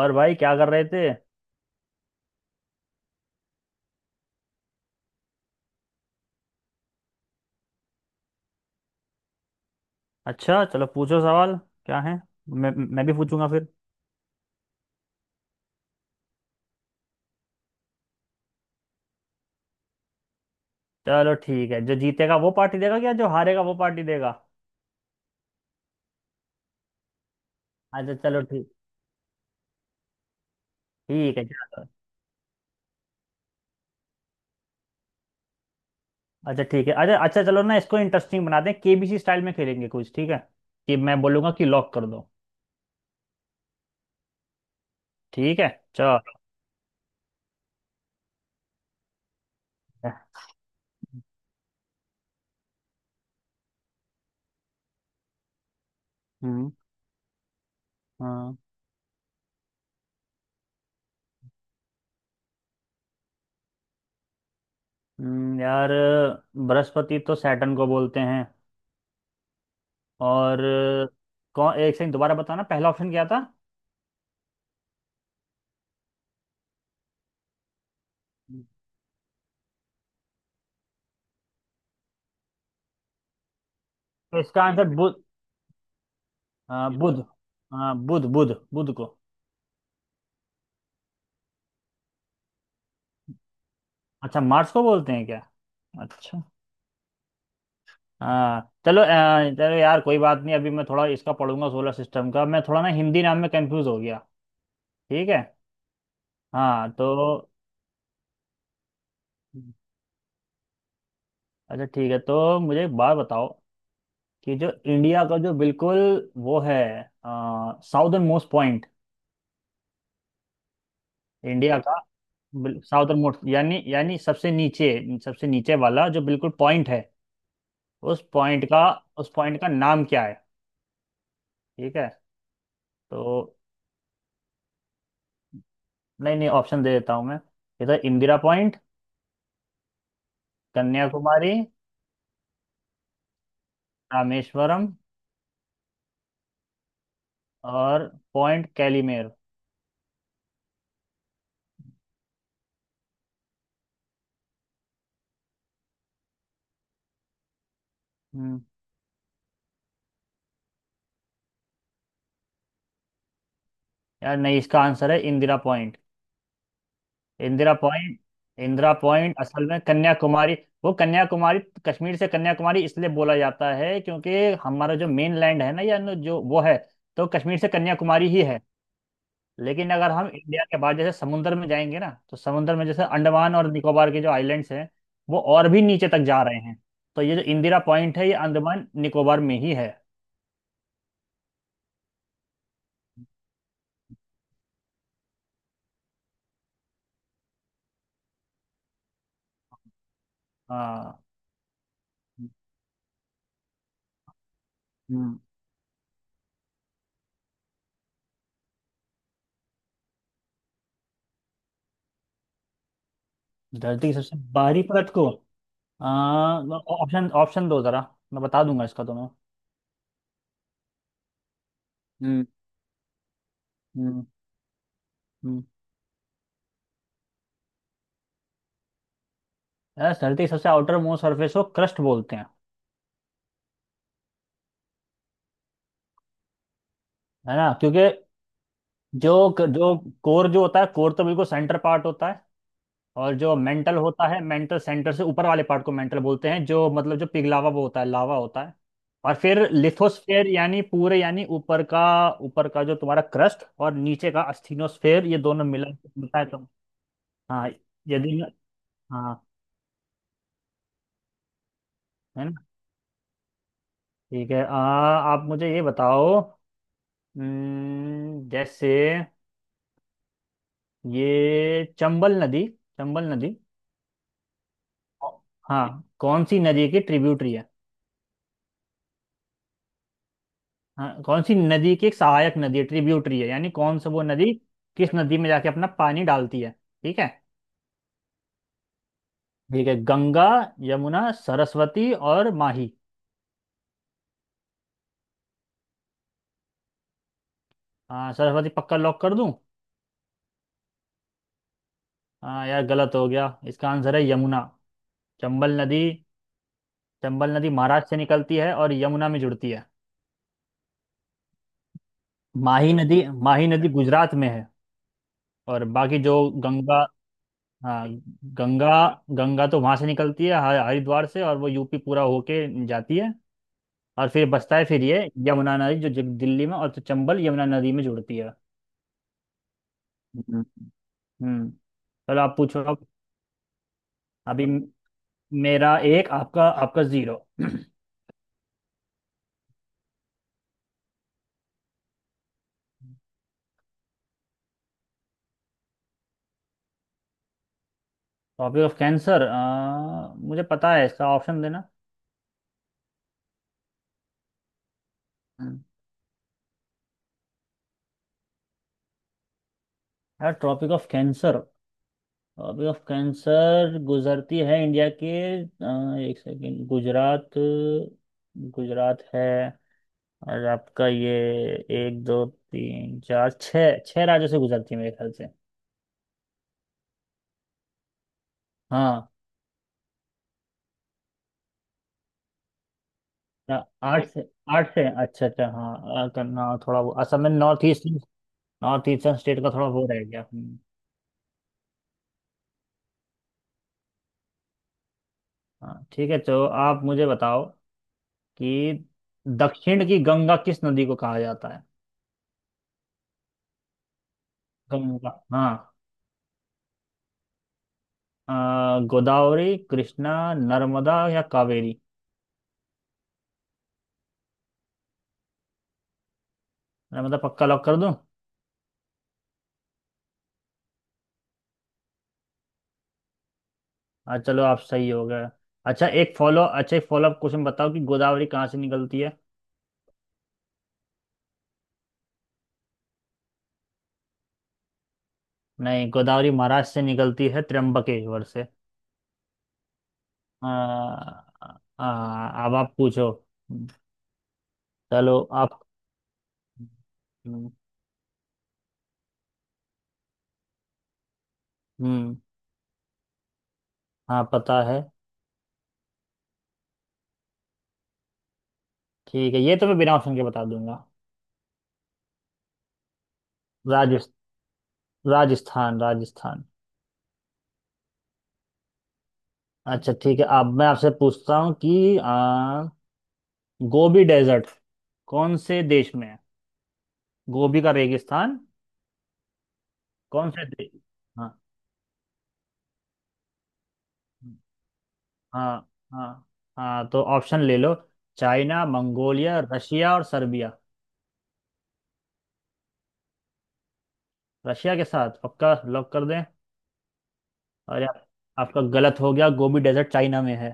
और भाई क्या कर रहे थे। अच्छा, चलो पूछो सवाल। क्या है? मैं मैं भी पूछूंगा फिर। चलो, ठीक है, जो जीतेगा वो पार्टी देगा? क्या जो हारेगा वो पार्टी देगा? अच्छा चलो ठीक। ठीक है चलो। अच्छा ठीक है, अच्छा अच्छा, चलो ना, इसको इंटरेस्टिंग बना दें, केबीसी स्टाइल में खेलेंगे कुछ, ठीक है? कि मैं बोलूंगा कि लॉक कर दो। ठीक है, चलो। हम्म। हाँ। यार, बृहस्पति तो सैटर्न को बोलते हैं। और कौन, एक सेकंड, दोबारा बताना, पहला ऑप्शन क्या था? तो इसका आंसर बुध, हाँ ये बुध, तो हाँ, बुध, बुध को। अच्छा, मार्स को बोलते हैं क्या? अच्छा। हाँ चलो चलो यार कोई बात नहीं, अभी मैं थोड़ा इसका पढ़ूंगा, सोलर सिस्टम का, मैं थोड़ा ना हिंदी नाम में कंफ्यूज हो गया। ठीक है। हाँ तो अच्छा ठीक है, तो मुझे एक बात बताओ कि जो इंडिया का जो बिल्कुल वो है, साउदर्न मोस्ट पॉइंट। इंडिया का साउदर्न मोस्ट यानी यानी सबसे नीचे, सबसे नीचे वाला जो बिल्कुल पॉइंट है, उस पॉइंट का उस पॉइंट का नाम क्या है? ठीक है तो नहीं नहीं, ऑप्शन दे देता हूँ मैं। इधर इंदिरा पॉइंट, कन्याकुमारी, रामेश्वरम और पॉइंट कैलीमेर। हम्म। यार नहीं, इसका आंसर है Indira point. Indira point. Indira point असल में कन्याकुमारी, वो कन्याकुमारी कश्मीर से कन्याकुमारी इसलिए बोला जाता है क्योंकि हमारा जो मेन लैंड है ना, या जो वो है, तो कश्मीर से कन्याकुमारी ही है। लेकिन अगर हम इंडिया के बाहर जैसे समुद्र में जाएंगे ना, तो समुद्र में जैसे अंडमान और निकोबार के जो आइलैंड्स हैं, वो और भी नीचे तक जा रहे हैं। तो ये जो इंदिरा पॉइंट है, ये अंडमान निकोबार में ही है। हाँ। हम्म, धरती की सबसे बाहरी परत को आ, ऑप्शन ऑप्शन दो जरा, मैं बता दूंगा इसका तुम्हें। हम्म। हम्म। हम्म। यार, धरती की सबसे आउटर मोस्ट सरफेस को क्रस्ट बोलते हैं, है ना? क्योंकि जो जो कोर जो होता है, कोर तो बिल्कुल सेंटर पार्ट होता है। और जो मेंटल होता है, मेंटल सेंटर से ऊपर वाले पार्ट को मेंटल बोलते हैं, जो मतलब जो पिघलावा वो होता है, लावा होता है। और फिर लिथोस्फेयर यानी पूरे यानी ऊपर का जो तुम्हारा क्रस्ट और नीचे का अस्थिनोस्फेयर, ये दोनों मिला के बनता है तो। हाँ। यदि मैं- हाँ, है ना? ठीक है आप मुझे ये बताओ, जैसे ये चंबल नदी, चंबल नदी, हाँ, कौन सी नदी की ट्रिब्यूटरी है? हाँ, कौन सी नदी की एक सहायक नदी है, ट्रिब्यूटरी है, यानी कौन सा वो नदी किस नदी में जाके अपना पानी डालती है। ठीक है। ठीक है, गंगा, यमुना, सरस्वती और माही। हाँ सरस्वती, पक्का लॉक कर दूं। हाँ यार, गलत हो गया, इसका आंसर है यमुना। चंबल नदी, चंबल नदी महाराष्ट्र से निकलती है और यमुना में जुड़ती है। माही नदी, माही नदी गुजरात में है। और बाकी जो गंगा, हाँ गंगा, गंगा तो वहां से निकलती है हरिद्वार से और वो यूपी पूरा होके जाती है और फिर बसता है फिर ये यमुना नदी जो दिल्ली में, और तो चंबल यमुना नदी में जुड़ती है। हम्म। हम्म। चलो आप पूछो अब। अभी म- मेरा एक, आपका आपका जीरो। टॉपिक ऑफ कैंसर, मुझे पता है इसका, ऑप्शन देना। हम्म। यार tropic of cancer, tropic of cancer गुजरती है इंडिया के एक सेकेंड, गुजरात, गुजरात है। और आपका ये एक, दो, तीन, चार, छः छः राज्यों से गुजरती है मेरे ख्याल से। हाँ। आ- आठ से, आठ से अच्छा अच्छा, हाँ करना थोड़ा वो, असल में north eastern, north eastern state का थोड़ा वो रह गया। हाँ ठीक है, तो आप मुझे बताओ कि दक्षिण की गंगा किस नदी को कहा जाता है। गंगा, हाँ। गोदावरी, कृष्णा, नर्मदा या कावेरी। नर्मदा पक्का, लॉक कर दूं। हाँ चलो, आप सही हो गए। अच्छा, एक फॉलो अप क्वेश्चन बताओ कि गोदावरी कहाँ से निकलती है। नहीं, गोदावरी महाराष्ट्र से निकलती है, त्र्यंबकेश्वर से। आ, अब आप पूछो। चलो आप। हम्म। हम्म, हाँ पता है। ठीक है, ये तो मैं बिना ऑप्शन के बता दूंगा। राजस्थ राजस्थान, राजस्थान। अच्छा ठीक है, अब मैं आपसे पूछता हूँ कि गोबी डेजर्ट कौन से देश में है, गोबी का रेगिस्तान, कौन से देश। हाँ हाँ। हाँ हाँ तो ऑप्शन ले लो, चाइना, मंगोलिया, रशिया और सर्बिया। रशिया के साथ पक्का लॉक कर दें? और आपका गलत हो गया, गोबी डेजर्ट चाइना में है।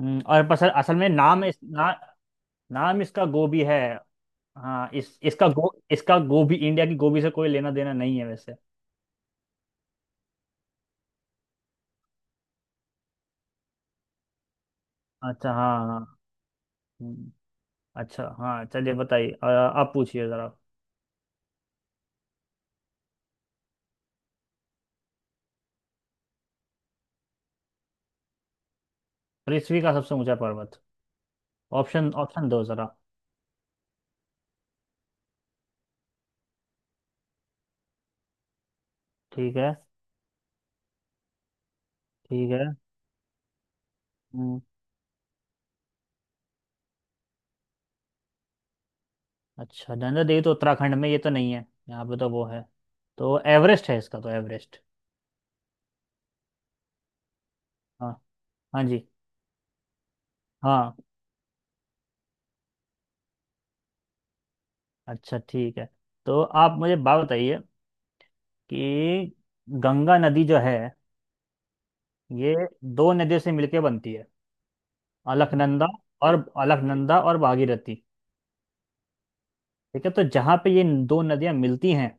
और बस असल में नाम नाम इसका गोबी है। हाँ इस, इसका गो, इसका गोबी इंडिया की गोबी से कोई लेना देना नहीं है वैसे। अच्छा, हाँ हाँ हाँ। हम्म, अच्छा हाँ, चलिए बताइए आप पूछिए जरा। पृथ्वी का सबसे ऊंचा पर्वत। ऑप्शन ऑप्शन दो जरा। ठीक है। ठीक है। हम्म, अच्छा, नंदा देवी तो उत्तराखंड में, ये तो नहीं है, यहाँ पे तो वो है। तो एवरेस्ट है इसका, तो एवरेस्ट। हाँ। हाँ जी। हाँ। अच्छा ठीक है, तो आप मुझे बात बताइए कि गंगा नदी जो है, ये दो नदियों से मिलके बनती है, अलकनंदा और भागीरथी। ठीक है, तो जहाँ पे ये दो नदियाँ मिलती हैं,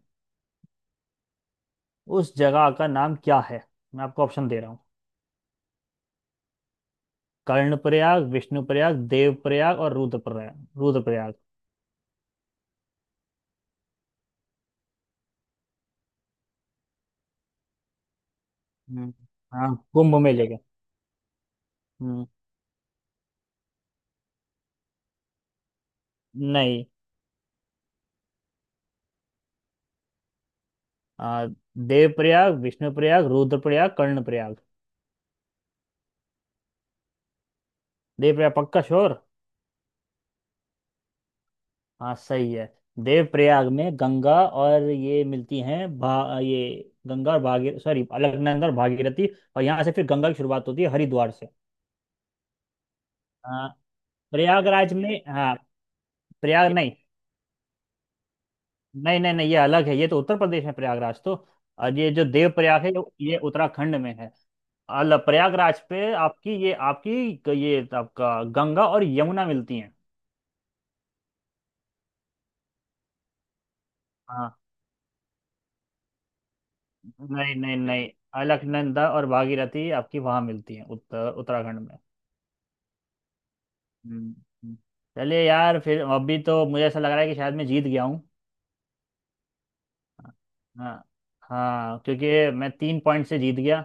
उस जगह का नाम क्या है? मैं आपको ऑप्शन दे रहा हूँ, कर्णप्रयाग, विष्णुप्रयाग, देवप्रयाग और रुद्रप्रयाग, रुद्रप्रयाग। हम्म, हाँ कुंभ मेले के। हम्म, नहीं। आ, देवप्रयाग, विष्णुप्रयाग, रुद्रप्रयाग, कर्णप्रयाग। देवप्रयाग पक्का श्योर। हाँ सही है, देवप्रयाग में गंगा और ये मिलती हैं, भा ये गंगा और भागीर सॉरी अलकनंदा और भागीरथी। और यहाँ से फिर गंगा की शुरुआत होती है हरिद्वार से। हाँ, प्रयागराज में, हाँ। प्रयाग नहीं, नहीं नहीं, ये अलग है, ये तो उत्तर प्रदेश में प्रयागराज तो, और ये जो देवप्रयाग है, ये उत्तराखंड में है। अल प्रयागराज पे आपकी ये, आपका गंगा और यमुना मिलती हैं। हाँ। नहीं नहीं नहीं, अलकनंदा और भागीरथी आपकी वहाँ मिलती हैं, उत्तराखंड में। हम्म, हम्म। चलिए यार फिर, अभी तो मुझे ऐसा लग रहा है कि शायद मैं जीत गया हूँ। हाँ। हाँ क्योंकि मैं तीन पॉइंट से जीत गया।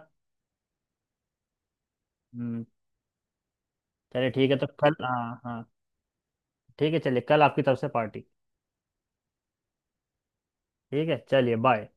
हम्म। चलिए ठीक है, तो कल, हाँ हाँ, ठीक है, चलिए, कल आपकी तरफ से पार्टी। ठीक है, चलिए, बाय।